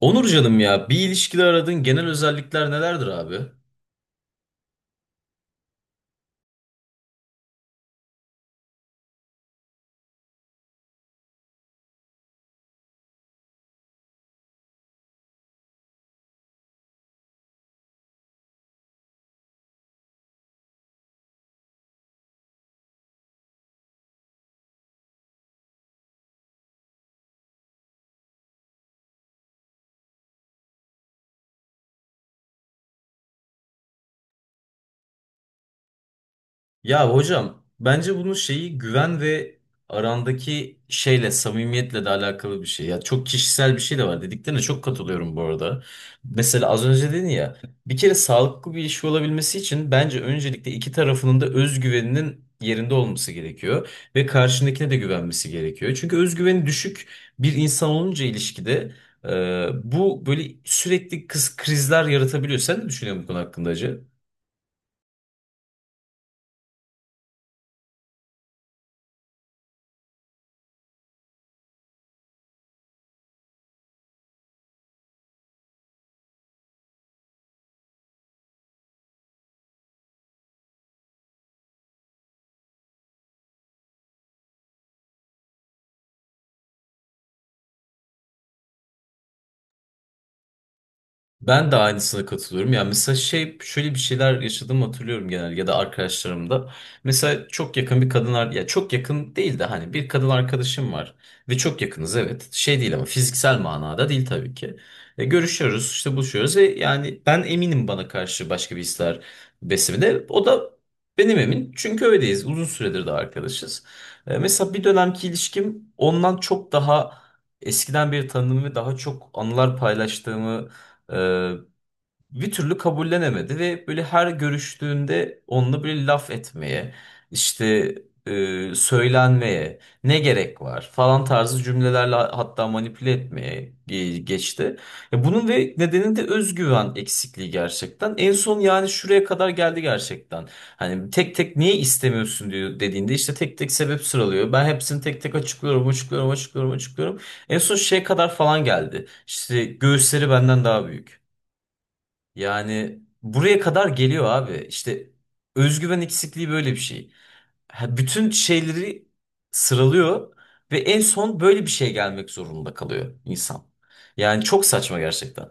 Onur canım ya bir ilişkide aradığın genel özellikler nelerdir abi? Ya hocam bence bunun şeyi güven ve arandaki şeyle samimiyetle de alakalı bir şey. Ya çok kişisel bir şey de var. Dediklerine çok katılıyorum bu arada. Mesela az önce dedin ya, bir kere sağlıklı bir ilişki olabilmesi için bence öncelikle iki tarafının da özgüveninin yerinde olması gerekiyor ve karşındakine de güvenmesi gerekiyor. Çünkü özgüveni düşük bir insan olunca ilişkide e, bu böyle sürekli kız krizler yaratabiliyor. Sen ne düşünüyorsun bu konu hakkında Hacı? Ben de aynısına katılıyorum. Yani mesela şey, şöyle bir şeyler yaşadığımı hatırlıyorum genel ya da arkadaşlarımda. Mesela çok yakın bir kadın ya çok yakın değil de hani bir kadın arkadaşım var ve çok yakınız, evet. Şey değil, ama fiziksel manada değil tabii ki. Görüşüyoruz, işte buluşuyoruz ve yani ben eminim bana karşı başka bir hisler beslemede. O da benim emin. Çünkü öyleyiz. Uzun süredir de arkadaşız. Mesela bir dönemki ilişkim ondan çok daha eskiden beri tanıdığım ve daha çok anılar paylaştığımı ee, bir türlü kabullenemedi ve böyle her görüştüğünde onunla böyle laf etmeye, işte söylenmeye, ne gerek var falan tarzı cümlelerle hatta manipüle etmeye geçti. Bunun ve nedeni de özgüven eksikliği gerçekten. En son yani şuraya kadar geldi gerçekten. Hani tek tek niye istemiyorsun diyor, dediğinde işte tek tek sebep sıralıyor. Ben hepsini tek tek açıklıyorum, açıklıyorum, açıklıyorum, açıklıyorum. En son şeye kadar falan geldi. İşte göğüsleri benden daha büyük. Yani buraya kadar geliyor abi. İşte özgüven eksikliği böyle bir şey. Ha, bütün şeyleri sıralıyor ve en son böyle bir şeye gelmek zorunda kalıyor insan. Yani çok saçma gerçekten.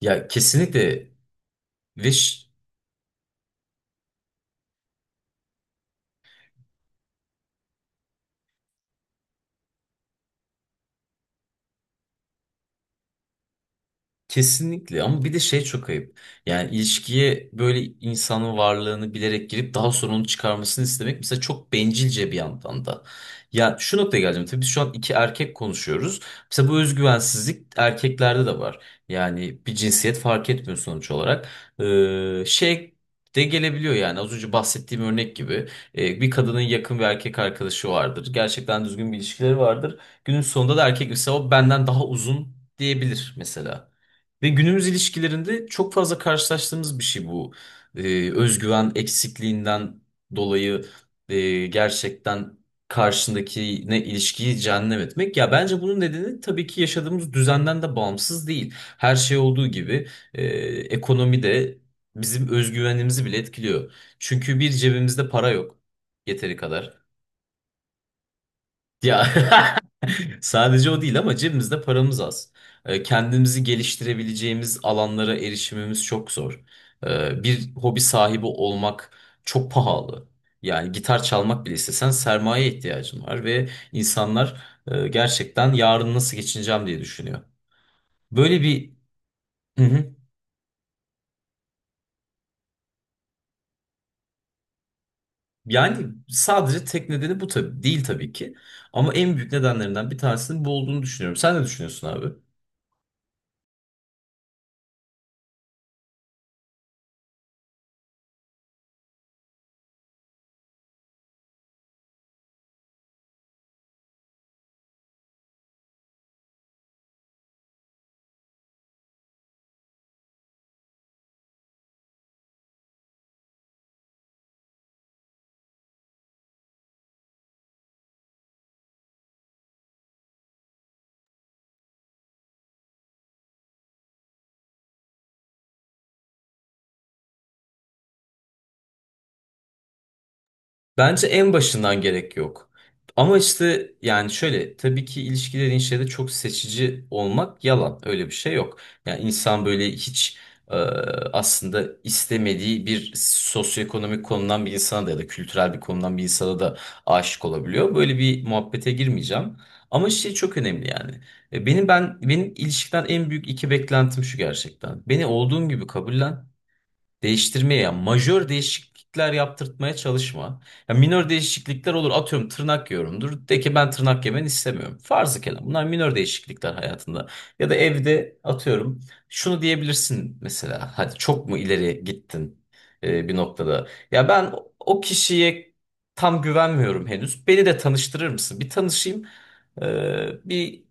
Ya kesinlikle ve kesinlikle, ama bir de şey, çok ayıp. Yani ilişkiye böyle insanın varlığını bilerek girip daha sonra onu çıkarmasını istemek mesela çok bencilce bir yandan da. Ya şu noktaya geleceğim. Tabii biz şu an iki erkek konuşuyoruz. Mesela bu özgüvensizlik erkeklerde de var. Yani bir cinsiyet fark etmiyor sonuç olarak. Şey de gelebiliyor yani, az önce bahsettiğim örnek gibi. Bir kadının yakın bir erkek arkadaşı vardır. Gerçekten düzgün bir ilişkileri vardır. Günün sonunda da erkek mesela o benden daha uzun diyebilir mesela. Ve günümüz ilişkilerinde çok fazla karşılaştığımız bir şey bu. Özgüven eksikliğinden dolayı gerçekten karşındakine ilişkiyi cehennem etmek. Ya bence bunun nedeni tabii ki yaşadığımız düzenden de bağımsız değil. Her şey olduğu gibi, e, ekonomi de bizim özgüvenimizi bile etkiliyor. Çünkü bir cebimizde para yok yeteri kadar. Ya sadece o değil ama cebimizde paramız az. Kendimizi geliştirebileceğimiz alanlara erişimimiz çok zor. Bir hobi sahibi olmak çok pahalı. Yani gitar çalmak bile istesen sermaye ihtiyacın var ve insanlar gerçekten yarın nasıl geçineceğim diye düşünüyor. Böyle bir hı hı. Yani sadece tek nedeni bu tabii değil, tabii ki. Ama en büyük nedenlerinden bir tanesinin bu olduğunu düşünüyorum. Sen ne düşünüyorsun abi? Bence en başından gerek yok. Ama işte yani şöyle, tabii ki ilişkilerin şeyde çok seçici olmak yalan. Öyle bir şey yok. Yani insan böyle hiç e, aslında istemediği bir sosyoekonomik konudan bir insana da ya da kültürel bir konudan bir insana da aşık olabiliyor. Böyle bir muhabbete girmeyeceğim. Ama şey çok önemli yani. Benim ilişkiden en büyük iki beklentim şu gerçekten. Beni olduğum gibi kabullen. Değiştirmeye ya majör değişiklikler yaptırtmaya çalışma. Ya minör değişiklikler olur, atıyorum tırnak yiyorumdur. De ki ben tırnak yemeni istemiyorum. Farzı kelam bunlar minör değişiklikler hayatında. Ya da evde atıyorum şunu diyebilirsin mesela, hadi çok mu ileri gittin bir noktada. Ya ben o kişiye tam güvenmiyorum henüz. Beni de tanıştırır mısın? Bir tanışayım, e, bir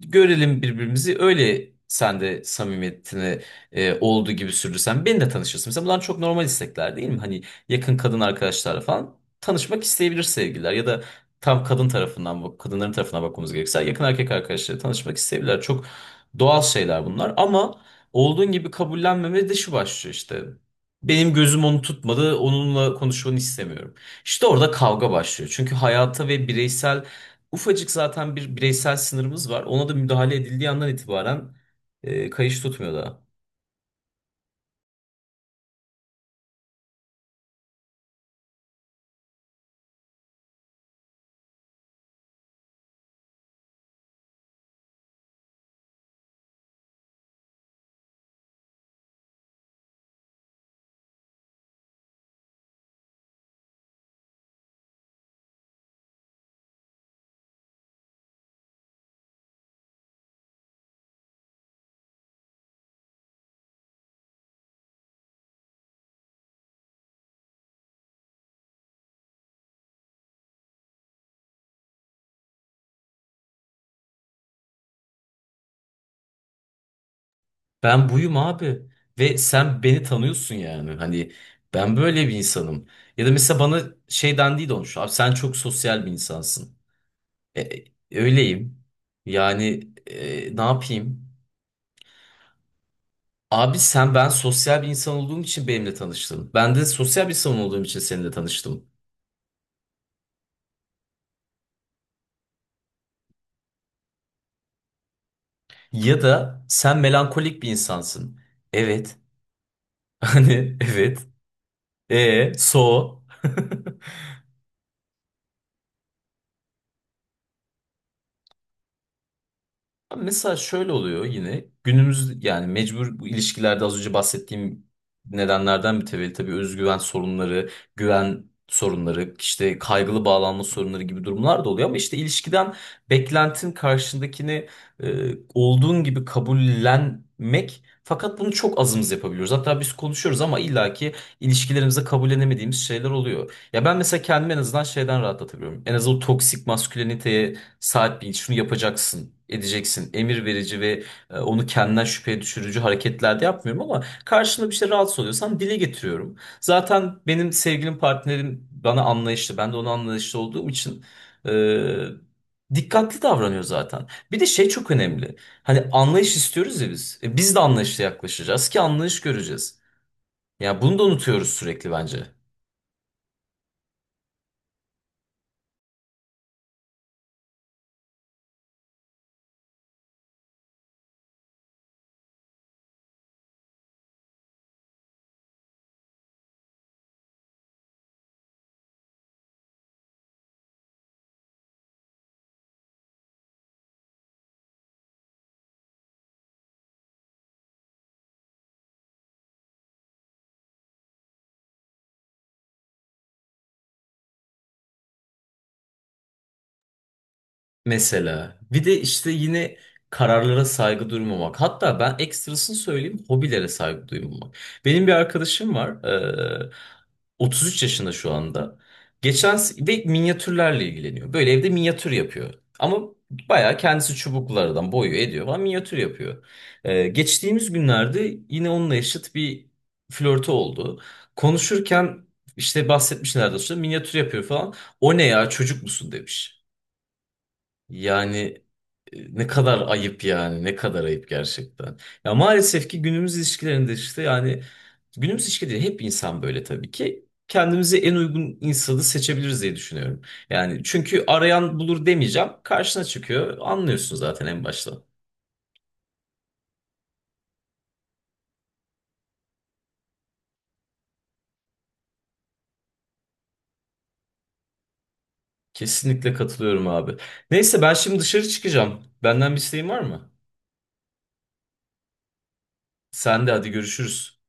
görelim birbirimizi, öyle sen de samimiyetini olduğu gibi sürdürsen beni de tanışırsın. Mesela bunlar çok normal istekler değil mi? Hani yakın kadın arkadaşlarla falan tanışmak isteyebilir sevgililer ya da, tam kadın tarafından bak, kadınların tarafına bakmamız gerekirse yakın erkek arkadaşları tanışmak isteyebilirler. Çok doğal şeyler bunlar, ama olduğun gibi kabullenmeme de şu başlıyor işte. Benim gözüm onu tutmadı, onunla konuşmanı istemiyorum. İşte orada kavga başlıyor. Çünkü hayata ve bireysel, ufacık zaten bir bireysel sınırımız var. Ona da müdahale edildiği andan itibaren kayış tutmuyor daha. Ben buyum abi ve sen beni tanıyorsun, yani hani ben böyle bir insanım. Ya da mesela bana şey dendiği de olmuş, abi sen çok sosyal bir insansın. E, e, Öyleyim yani, ne yapayım? Abi sen, ben sosyal bir insan olduğum için benimle tanıştın. Ben de sosyal bir insan olduğum için seninle tanıştım. Ya da sen melankolik bir insansın. Evet. Hani evet, so. Abi, mesela şöyle oluyor yine günümüz, yani mecbur bu ilişkilerde az önce bahsettiğim nedenlerden mütevellit tabii özgüven sorunları, güven sorunları, işte kaygılı bağlanma sorunları gibi durumlar da oluyor, ama işte ilişkiden beklentin karşındakini olduğun gibi kabullenmek, fakat bunu çok azımız yapabiliyoruz. Hatta biz konuşuyoruz ama illaki ilişkilerimize kabullenemediğimiz şeyler oluyor. Ya ben mesela kendimi en azından şeyden rahatlatabiliyorum. En azından o toksik masküleniteye, saat bil, şunu yapacaksın, edeceksin. Emir verici ve onu kendinden şüpheye düşürücü hareketlerde yapmıyorum, ama karşında bir şey rahatsız oluyorsan dile getiriyorum. Zaten benim sevgilim, partnerim bana anlayışlı, ben de ona anlayışlı olduğum için e, dikkatli davranıyor zaten. Bir de şey çok önemli. Hani anlayış istiyoruz ya biz. Biz de anlayışla yaklaşacağız ki anlayış göreceğiz. Ya bunu da unutuyoruz sürekli bence. Mesela bir de işte yine kararlara saygı duymamak. Hatta ben ekstrasını söyleyeyim, hobilere saygı duymamak. Benim bir arkadaşım var. eee, 33 yaşında şu anda. Ve minyatürlerle ilgileniyor. Böyle evde minyatür yapıyor. Ama bayağı kendisi çubuklardan boyuyor, ediyor falan, minyatür yapıyor. Geçtiğimiz günlerde yine onunla eşit bir flörtü oldu. Konuşurken işte bahsetmiş nerede, sonra minyatür yapıyor falan. O ne ya, çocuk musun demiş. Yani ne kadar ayıp, yani ne kadar ayıp gerçekten. Ya maalesef ki günümüz ilişkilerinde işte, yani günümüz ilişkileri hep insan böyle tabii ki. Kendimize en uygun insanı seçebiliriz diye düşünüyorum. Yani çünkü arayan bulur demeyeceğim. Karşına çıkıyor. Anlıyorsun zaten en başta. Kesinlikle katılıyorum abi. Neyse ben şimdi dışarı çıkacağım. Benden bir isteğin var mı? Sen de hadi görüşürüz.